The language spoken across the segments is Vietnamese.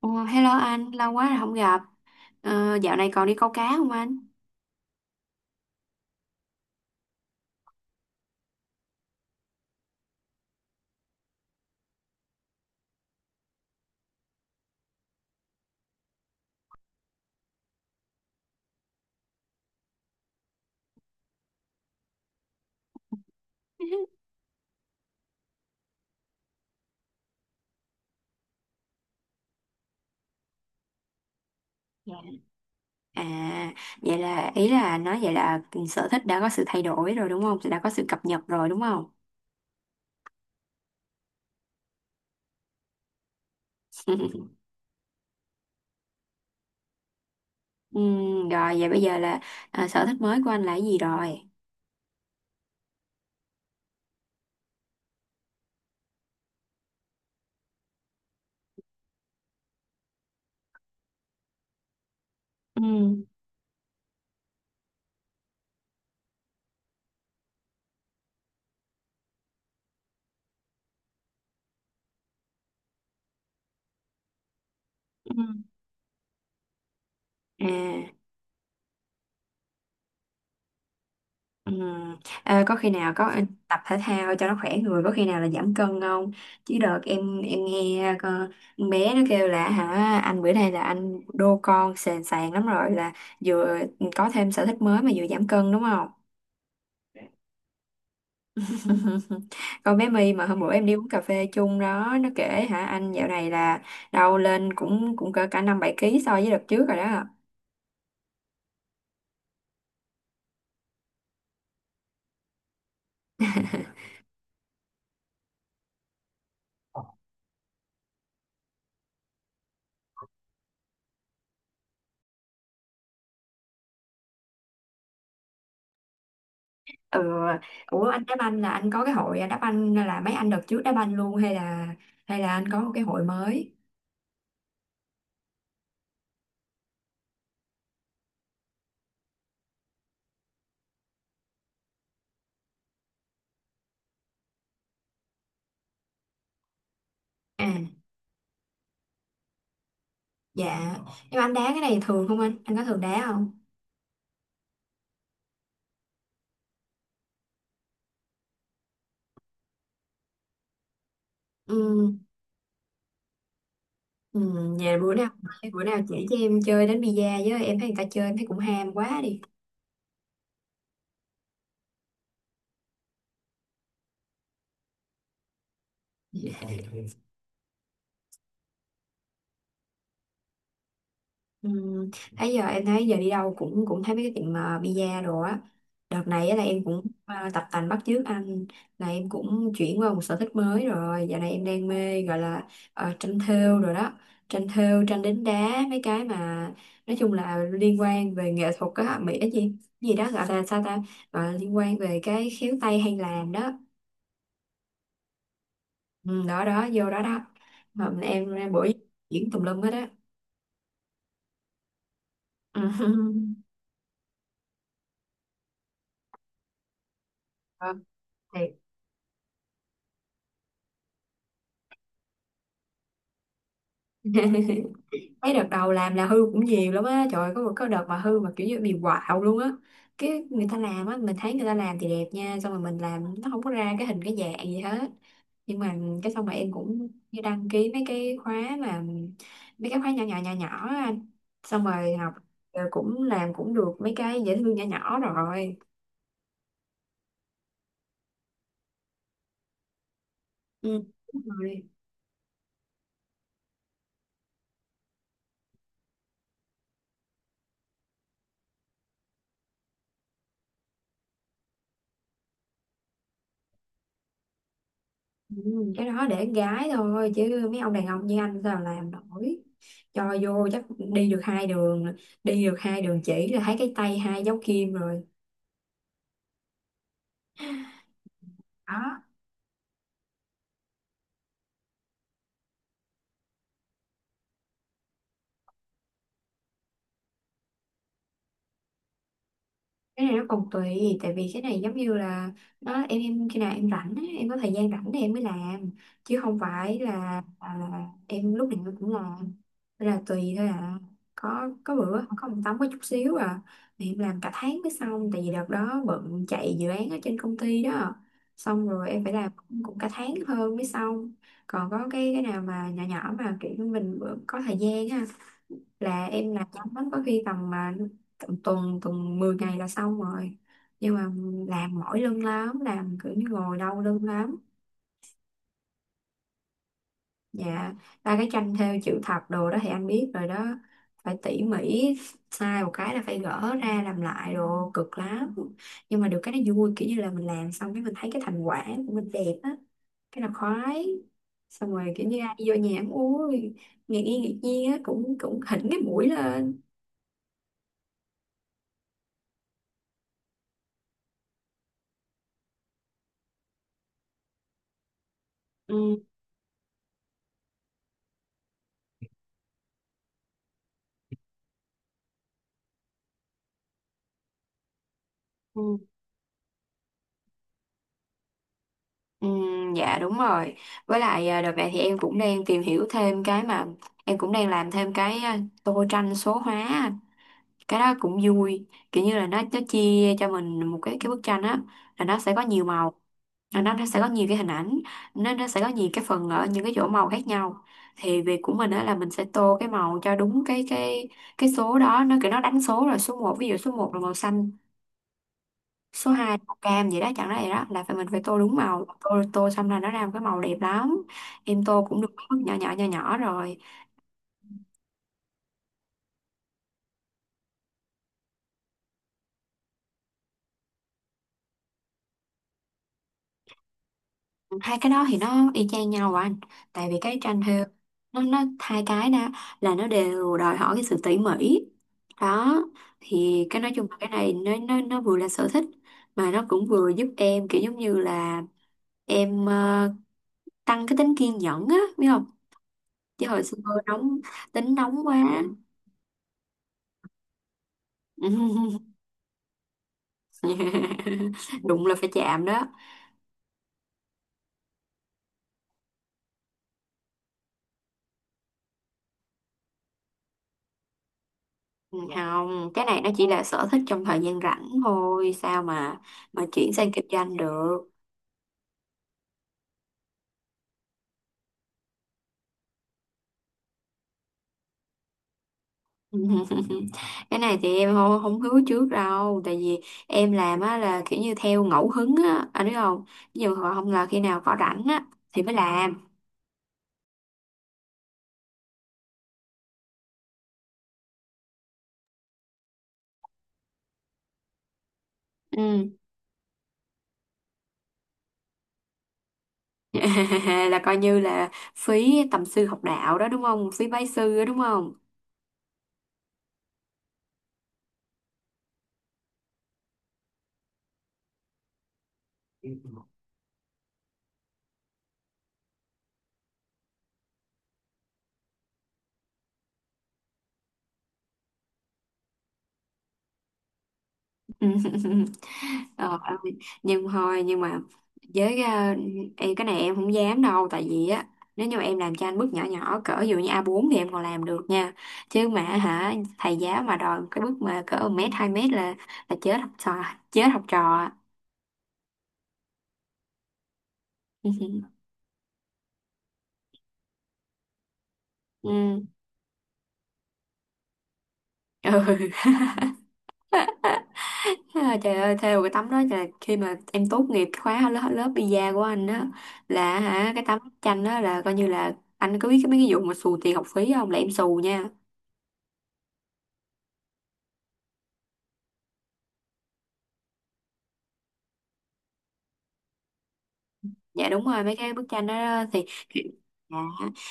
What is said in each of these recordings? Ồ, hello anh, lâu quá rồi không gặp. Ờ, dạo này còn đi câu cá không anh? Dạ. À, vậy là ý là nói vậy là sở thích đã có sự thay đổi rồi đúng không? Đã có sự cập nhật rồi đúng không? Rồi vậy bây giờ là sở thích mới của anh là cái gì rồi? Ừ. Ừ. À. Ừ. À, có khi nào có tập thể thao cho nó khỏe người, có khi nào là giảm cân không? Chứ đợt em nghe con bé nó kêu là hả anh bữa nay là anh đô con sền sàn lắm rồi, là vừa có thêm sở thích mới mà vừa giảm cân đúng không? Con bé My mà hôm bữa em đi uống cà phê chung đó, nó kể hả anh dạo này là đâu lên cũng cũng cỡ cả năm bảy ký so với đợt trước rồi đó. Ừ. Ủa, anh đá banh là anh có cái hội đá banh là mấy anh đợt trước đá banh luôn, hay là anh có một cái hội mới? À. Dạ, nhưng mà anh đá cái này thường không, anh có thường đá không? Ừ. Ừ. Nhà bữa nào chỉ cho em chơi đánh bi-a với, em thấy người ta chơi em thấy cũng ham quá đi. Ừ. Thấy giờ em thấy giờ đi đâu cũng cũng thấy mấy cái tiệm mà pizza đồ á. Đợt này á là em cũng tập tành bắt chước anh, là em cũng chuyển qua một sở thích mới rồi, giờ này em đang mê gọi là tranh thêu rồi đó, tranh thêu tranh đính đá mấy cái mà nói chung là liên quan về nghệ thuật á, mỹ cái gì gì đó, gọi là sao ta, gọi là liên quan về cái khéo tay hay làm đó. Ừ, đó đó, vô đó đó, mà em buổi diễn tùm lum hết á. Ừ. Ờ, thì mấy đợt đầu làm là hư cũng nhiều lắm á, trời ơi, có một cái đợt mà hư mà kiểu như bị quạo luôn á, cái người ta làm á mình thấy người ta làm thì đẹp nha, xong rồi mình làm nó không có ra cái hình cái dạng gì hết, nhưng mà cái xong mà em cũng như đăng ký mấy cái khóa, mà mấy cái khóa nhỏ nhỏ nhỏ nhỏ á anh, xong rồi học, rồi cũng làm cũng được mấy cái dễ thương nhỏ nhỏ rồi. Ừ. Đúng rồi. Ừ, cái đó để gái thôi chứ mấy ông đàn ông như anh sao làm nổi, cho vô chắc đi được hai đường, chỉ là thấy cái tay hai dấu kim rồi đó. Cái này nó còn tùy, tại vì cái này giống như là nó, em khi nào em rảnh á, em có thời gian rảnh thì em mới làm, chứ không phải là, là em lúc nào em cũng làm. Nên là tùy thôi à, có bữa có một tấm có chút xíu à thì em làm cả tháng mới xong, tại vì đợt đó bận chạy dự án ở trên công ty đó, xong rồi em phải làm cũng cũng cả tháng hơn mới xong. Còn có cái nào mà nhỏ nhỏ mà kiểu như mình bữa có thời gian á là em làm nhanh lắm, có khi tầm mà tầm tuần tuần 10 ngày là xong rồi, nhưng mà làm mỏi lưng lắm, làm kiểu như ngồi đau lưng lắm. Dạ, ba cái tranh thêu chữ thập đồ đó thì anh biết rồi đó, phải tỉ mỉ, sai một cái là phải gỡ ra làm lại đồ cực lắm, nhưng mà được cái nó vui, kiểu như là mình làm xong cái mình thấy cái thành quả của mình đẹp á, cái là khoái, xong rồi kiểu như ai đi vô nhà cũng uống, ngạc nhiên á, cũng cũng hỉnh cái mũi lên. Ừ, ừ. Ừ, dạ đúng rồi. Với lại à, đợt này thì em cũng đang tìm hiểu thêm cái mà em cũng đang làm thêm cái tô tranh số hóa, anh. Cái đó cũng vui. Kiểu như là nó chia cho mình một cái bức tranh á, là nó sẽ có nhiều màu, là nó sẽ có nhiều cái hình ảnh, nó sẽ có nhiều cái phần ở những cái chỗ màu khác nhau. Thì việc của mình á là mình sẽ tô cái màu cho đúng cái số đó, nó kiểu nó đánh số rồi, số một ví dụ số một là màu xanh, số hai màu cam vậy đó, chẳng ra vậy đó, là phải mình phải tô đúng màu, tô tô xong là nó ra một cái màu đẹp lắm. Em tô cũng được mấy bước nhỏ nhỏ nhỏ nhỏ rồi. Hai cái đó thì nó y chang nhau à anh, tại vì cái tranh thêu nó hai cái đó là nó đều đòi hỏi cái sự tỉ mỉ đó, thì cái nói chung là cái này nó vừa là sở thích mà nó cũng vừa giúp em kiểu giống như là em tăng cái tính kiên nhẫn á, biết không? Chứ hồi xưa nóng, tính nóng quá. Đụng là phải chạm đó. Ừ, không, cái này nó chỉ là sở thích trong thời gian rảnh thôi sao mà chuyển sang kinh doanh được. Cái này thì em không, không hứa trước đâu, tại vì em làm á là kiểu như theo ngẫu hứng á, anh biết không? Ví dụ họ không là khi nào có rảnh á thì mới làm. Ừ. Là coi như là phí tầm sư học đạo đó đúng không, phí bái sư đó đúng không? Ờ, nhưng thôi, nhưng mà với em cái này em không dám đâu, tại vì á nếu như mà em làm cho anh bước nhỏ nhỏ cỡ ví dụ như A4 thì em còn làm được nha, chứ mà hả thầy giáo mà đòi cái bước mà cỡ 1 mét 2 mét là chết học trò, chết học trò. Ừ. Ừ. À, trời ơi, theo cái tấm đó là khi mà em tốt nghiệp cái khóa lớp lớp pizza của anh á, là hả cái tấm tranh đó là coi như là anh có biết cái mấy cái vụ mà xù tiền học phí không, là em xù nha. Dạ đúng rồi, mấy cái bức tranh đó thì dạ.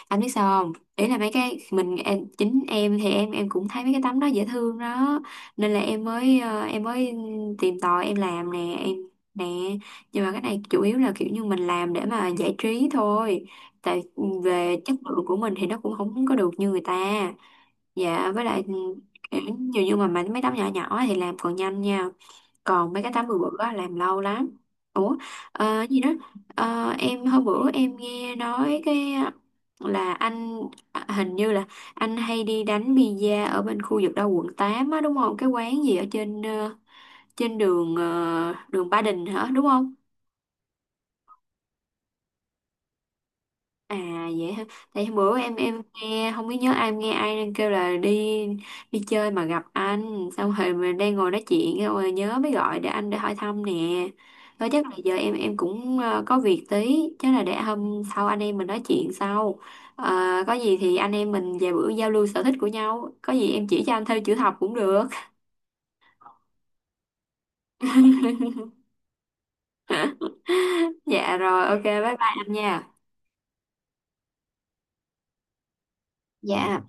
Anh biết sao không, ý là mấy cái mình em, chính em thì em cũng thấy mấy cái tấm đó dễ thương đó, nên là em mới tìm tòi em làm nè, em nè, nhưng mà cái này chủ yếu là kiểu như mình làm để mà giải trí thôi, tại về chất lượng của mình thì nó cũng không có được như người ta. Dạ, với lại ừ, kiểu như như mà mấy mấy tấm nhỏ nhỏ thì làm còn nhanh nha, còn mấy cái 80 bữa á, làm lâu lắm. Ủa, ờ, gì đó. Ờ, em hôm bữa em nghe nói cái là anh hình như là anh hay đi đánh pizza ở bên khu vực đâu quận 8 á đúng không, cái quán gì ở trên trên đường ờ, đường Ba Đình hả đúng không? À, vậy hả? Tại bữa em nghe không biết nhớ ai, em nghe ai đang kêu là đi, đi chơi mà gặp anh, xong rồi mình đang ngồi nói chuyện xong rồi nhớ mới gọi để anh để hỏi thăm nè. Thôi chắc là giờ em cũng có việc tí, chắc là để hôm sau anh em mình nói chuyện sau. Ờ, có gì thì anh em mình về bữa giao lưu sở thích của nhau, có gì em chỉ cho anh theo chữ thập cũng được. Dạ rồi, ok bye bye anh nha. Dạ.